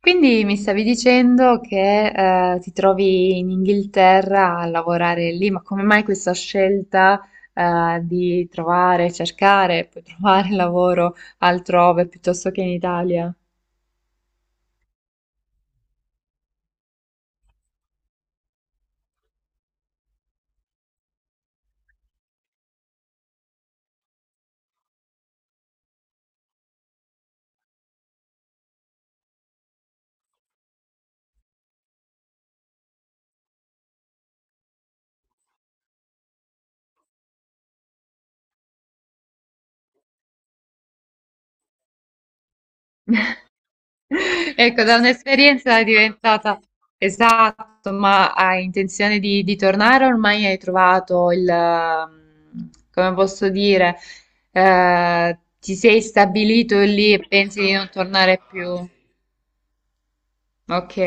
Quindi mi stavi dicendo che ti trovi in Inghilterra a lavorare lì, ma come mai questa scelta di trovare, cercare, poi trovare lavoro altrove piuttosto che in Italia? Ecco, da un'esperienza è diventata esatto, ma hai intenzione di tornare? Ormai hai trovato il, come posso dire, ti sei stabilito lì e pensi di non tornare più? Ok.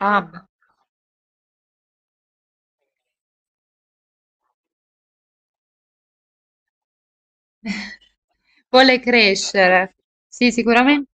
Ah, vuole crescere. Sì, sicuramente.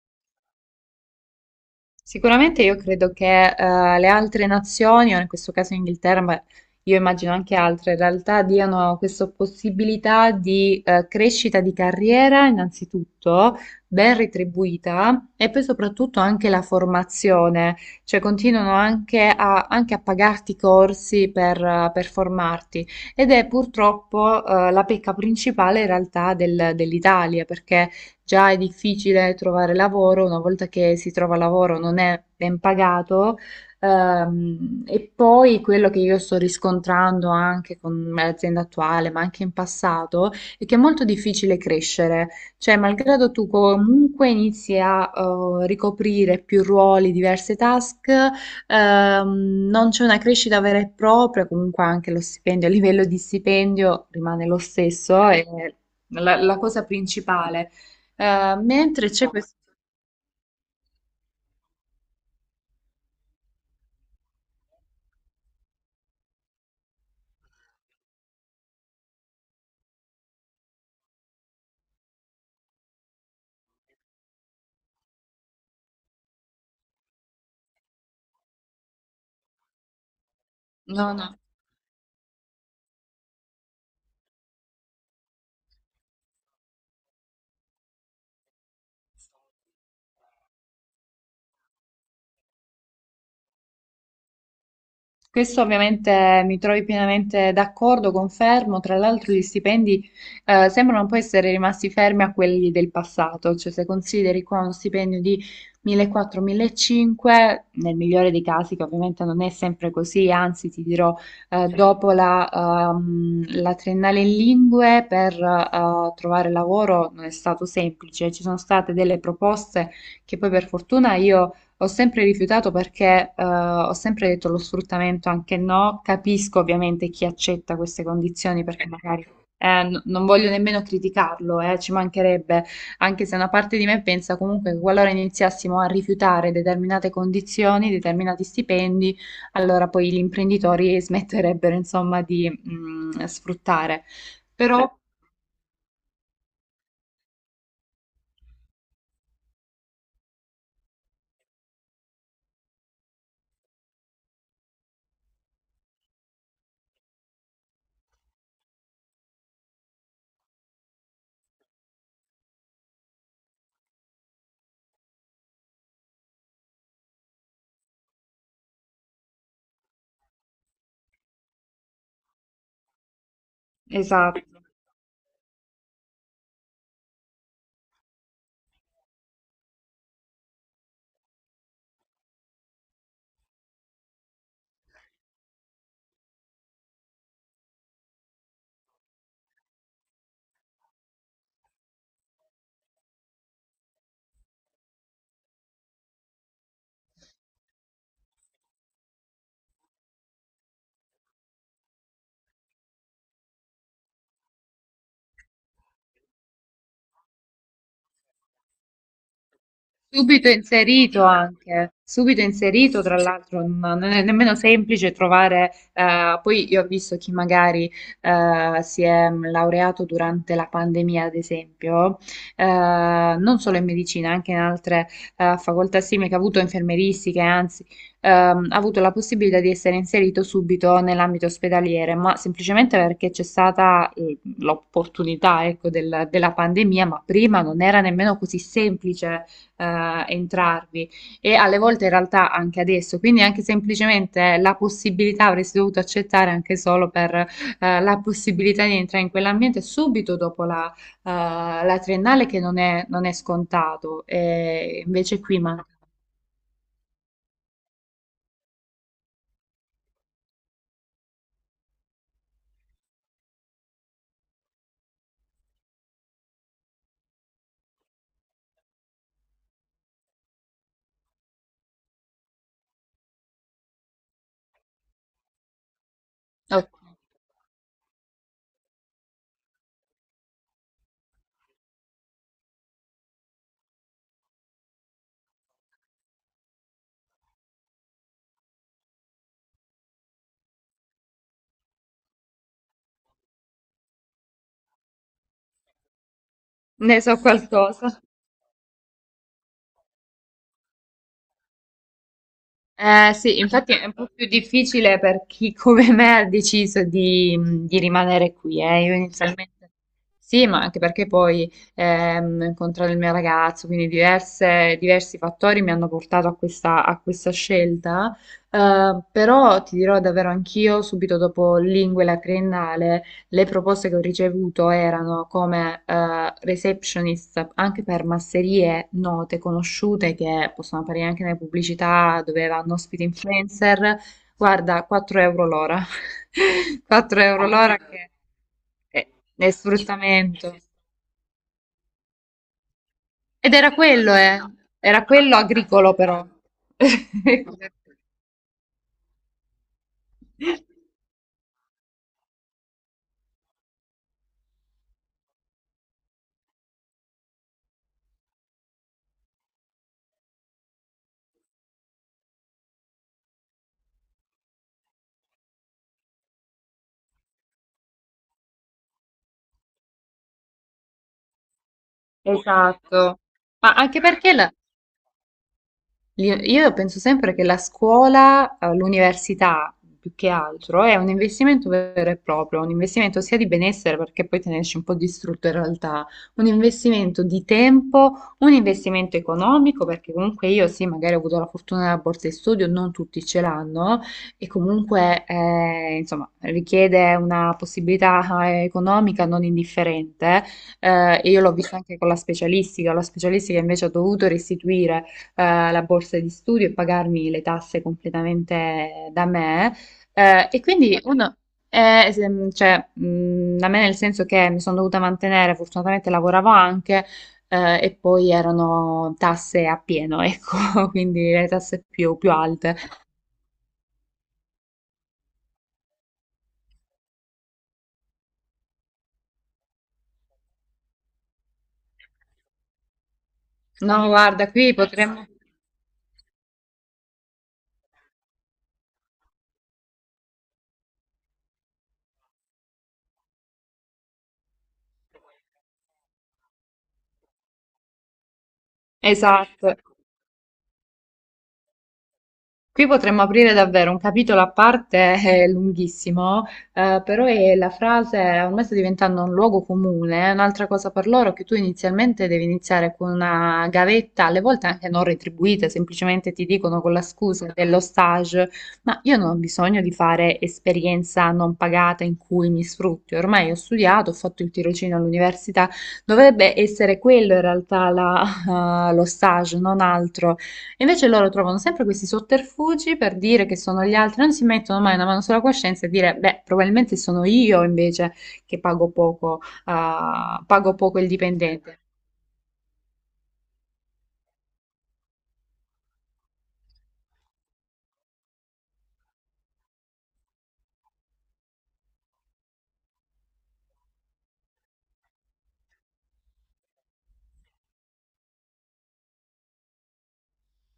Sicuramente io credo che le altre nazioni, o in questo caso Inghilterra, ma io immagino anche altre, in realtà diano questa possibilità di crescita di carriera, innanzitutto, ben retribuita, e poi soprattutto anche la formazione, cioè continuano anche a, anche a pagarti corsi per formarti. Ed è purtroppo la pecca principale in realtà dell'Italia, perché già è difficile trovare lavoro, una volta che si trova lavoro non è ben pagato. E poi quello che io sto riscontrando anche con l'azienda attuale, ma anche in passato, è che è molto difficile crescere. Cioè, malgrado tu comunque inizi a ricoprire più ruoli, diverse task, non c'è una crescita vera e propria, comunque anche lo stipendio, a livello di stipendio rimane lo stesso, è la cosa principale. Mentre c'è questo, no, no. Questo ovviamente mi trovi pienamente d'accordo, confermo. Tra l'altro, gli stipendi sembrano un po' essere rimasti fermi a quelli del passato, cioè se consideri qua uno stipendio di 1400-1500, nel migliore dei casi, che ovviamente non è sempre così, anzi, ti dirò, dopo la, la triennale in lingue per trovare lavoro non è stato semplice, ci sono state delle proposte che poi per fortuna io ho sempre rifiutato perché ho sempre detto lo sfruttamento anche no, capisco ovviamente chi accetta queste condizioni perché magari non voglio nemmeno criticarlo, ci mancherebbe, anche se una parte di me pensa comunque che qualora iniziassimo a rifiutare determinate condizioni, determinati stipendi, allora poi gli imprenditori smetterebbero insomma di sfruttare. Però, esatto. Subito inserito anche, subito inserito, tra l'altro non non è nemmeno semplice trovare, poi io ho visto chi magari si è laureato durante la pandemia, ad esempio, non solo in medicina, anche in altre facoltà simili, che ha avuto infermieristiche, anzi, ha avuto la possibilità di essere inserito subito nell'ambito ospedaliere, ma semplicemente perché c'è stata l'opportunità, ecco, della pandemia, ma prima non era nemmeno così semplice entrarvi e alle volte in realtà anche adesso, quindi anche semplicemente la possibilità avresti dovuto accettare anche solo per la possibilità di entrare in quell'ambiente subito dopo la, eh, la triennale che non è, non è scontato e invece qui manca. Oh, ne so qualcosa. Eh sì, infatti è un po' più difficile per chi come me ha deciso di rimanere qui. Io inizialmente sì, ma anche perché poi ho incontrato il mio ragazzo, quindi diversi fattori mi hanno portato a questa scelta. Però ti dirò davvero anch'io, subito dopo lingue la triennale. Le proposte che ho ricevuto erano come receptionist anche per masserie note, conosciute, che possono apparire anche nelle pubblicità dove vanno ospiti influencer. Guarda, 4 euro l'ora. 4 euro l'ora che è, è sfruttamento. Ed era quello, eh. Era quello agricolo però. Esatto. Ma anche perché io penso sempre che la scuola, l'università più che altro, è un investimento vero e proprio, un investimento sia di benessere, perché poi te ne esci un po' distrutto in realtà, un investimento di tempo, un investimento economico, perché comunque io sì, magari ho avuto la fortuna della borsa di studio, non tutti ce l'hanno, e comunque insomma richiede una possibilità economica non indifferente, e io l'ho visto anche con la specialistica invece ho dovuto restituire la borsa di studio e pagarmi le tasse completamente da me. E quindi uno, cioè, da me nel senso che mi sono dovuta mantenere, fortunatamente lavoravo anche, e poi erano tasse a pieno, ecco, quindi le tasse più, più alte. No, guarda, qui potremmo... Esatto. Qui potremmo aprire davvero un capitolo a parte, lunghissimo, però è la frase ormai sta diventando un luogo comune. Un'altra cosa per loro è che tu inizialmente devi iniziare con una gavetta, alle volte anche non retribuita, semplicemente ti dicono con la scusa dello stage, ma io non ho bisogno di fare esperienza non pagata in cui mi sfrutti. Ormai ho studiato, ho fatto il tirocinio all'università, dovrebbe essere quello in realtà lo stage, non altro. E invece loro trovano sempre questi sotterfugi per dire che sono gli altri, non si mettono mai una mano sulla coscienza e dire, beh, probabilmente sono io invece che pago poco, ah, pago poco il dipendente.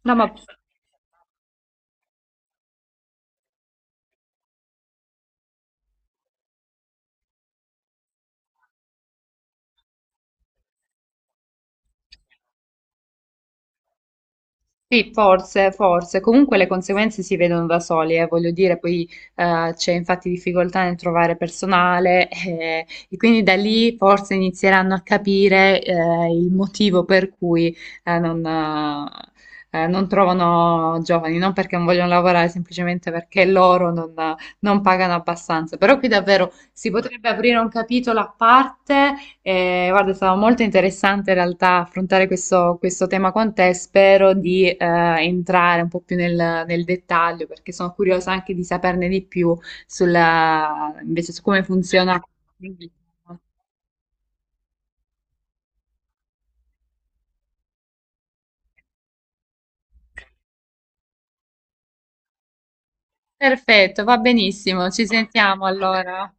No, ma sì, forse, forse. Comunque le conseguenze si vedono da soli, voglio dire, poi c'è infatti difficoltà nel trovare personale e quindi da lì forse inizieranno a capire il motivo per cui non trovano giovani, non perché non vogliono lavorare, semplicemente perché loro non, non pagano abbastanza. Però qui davvero si potrebbe aprire un capitolo a parte. Guarda, è stato molto interessante in realtà affrontare questo, questo tema con te. Spero di entrare un po' più nel, nel dettaglio perché sono curiosa anche di saperne di più sulla, invece su come funziona. Perfetto, va benissimo. Ci sentiamo allora.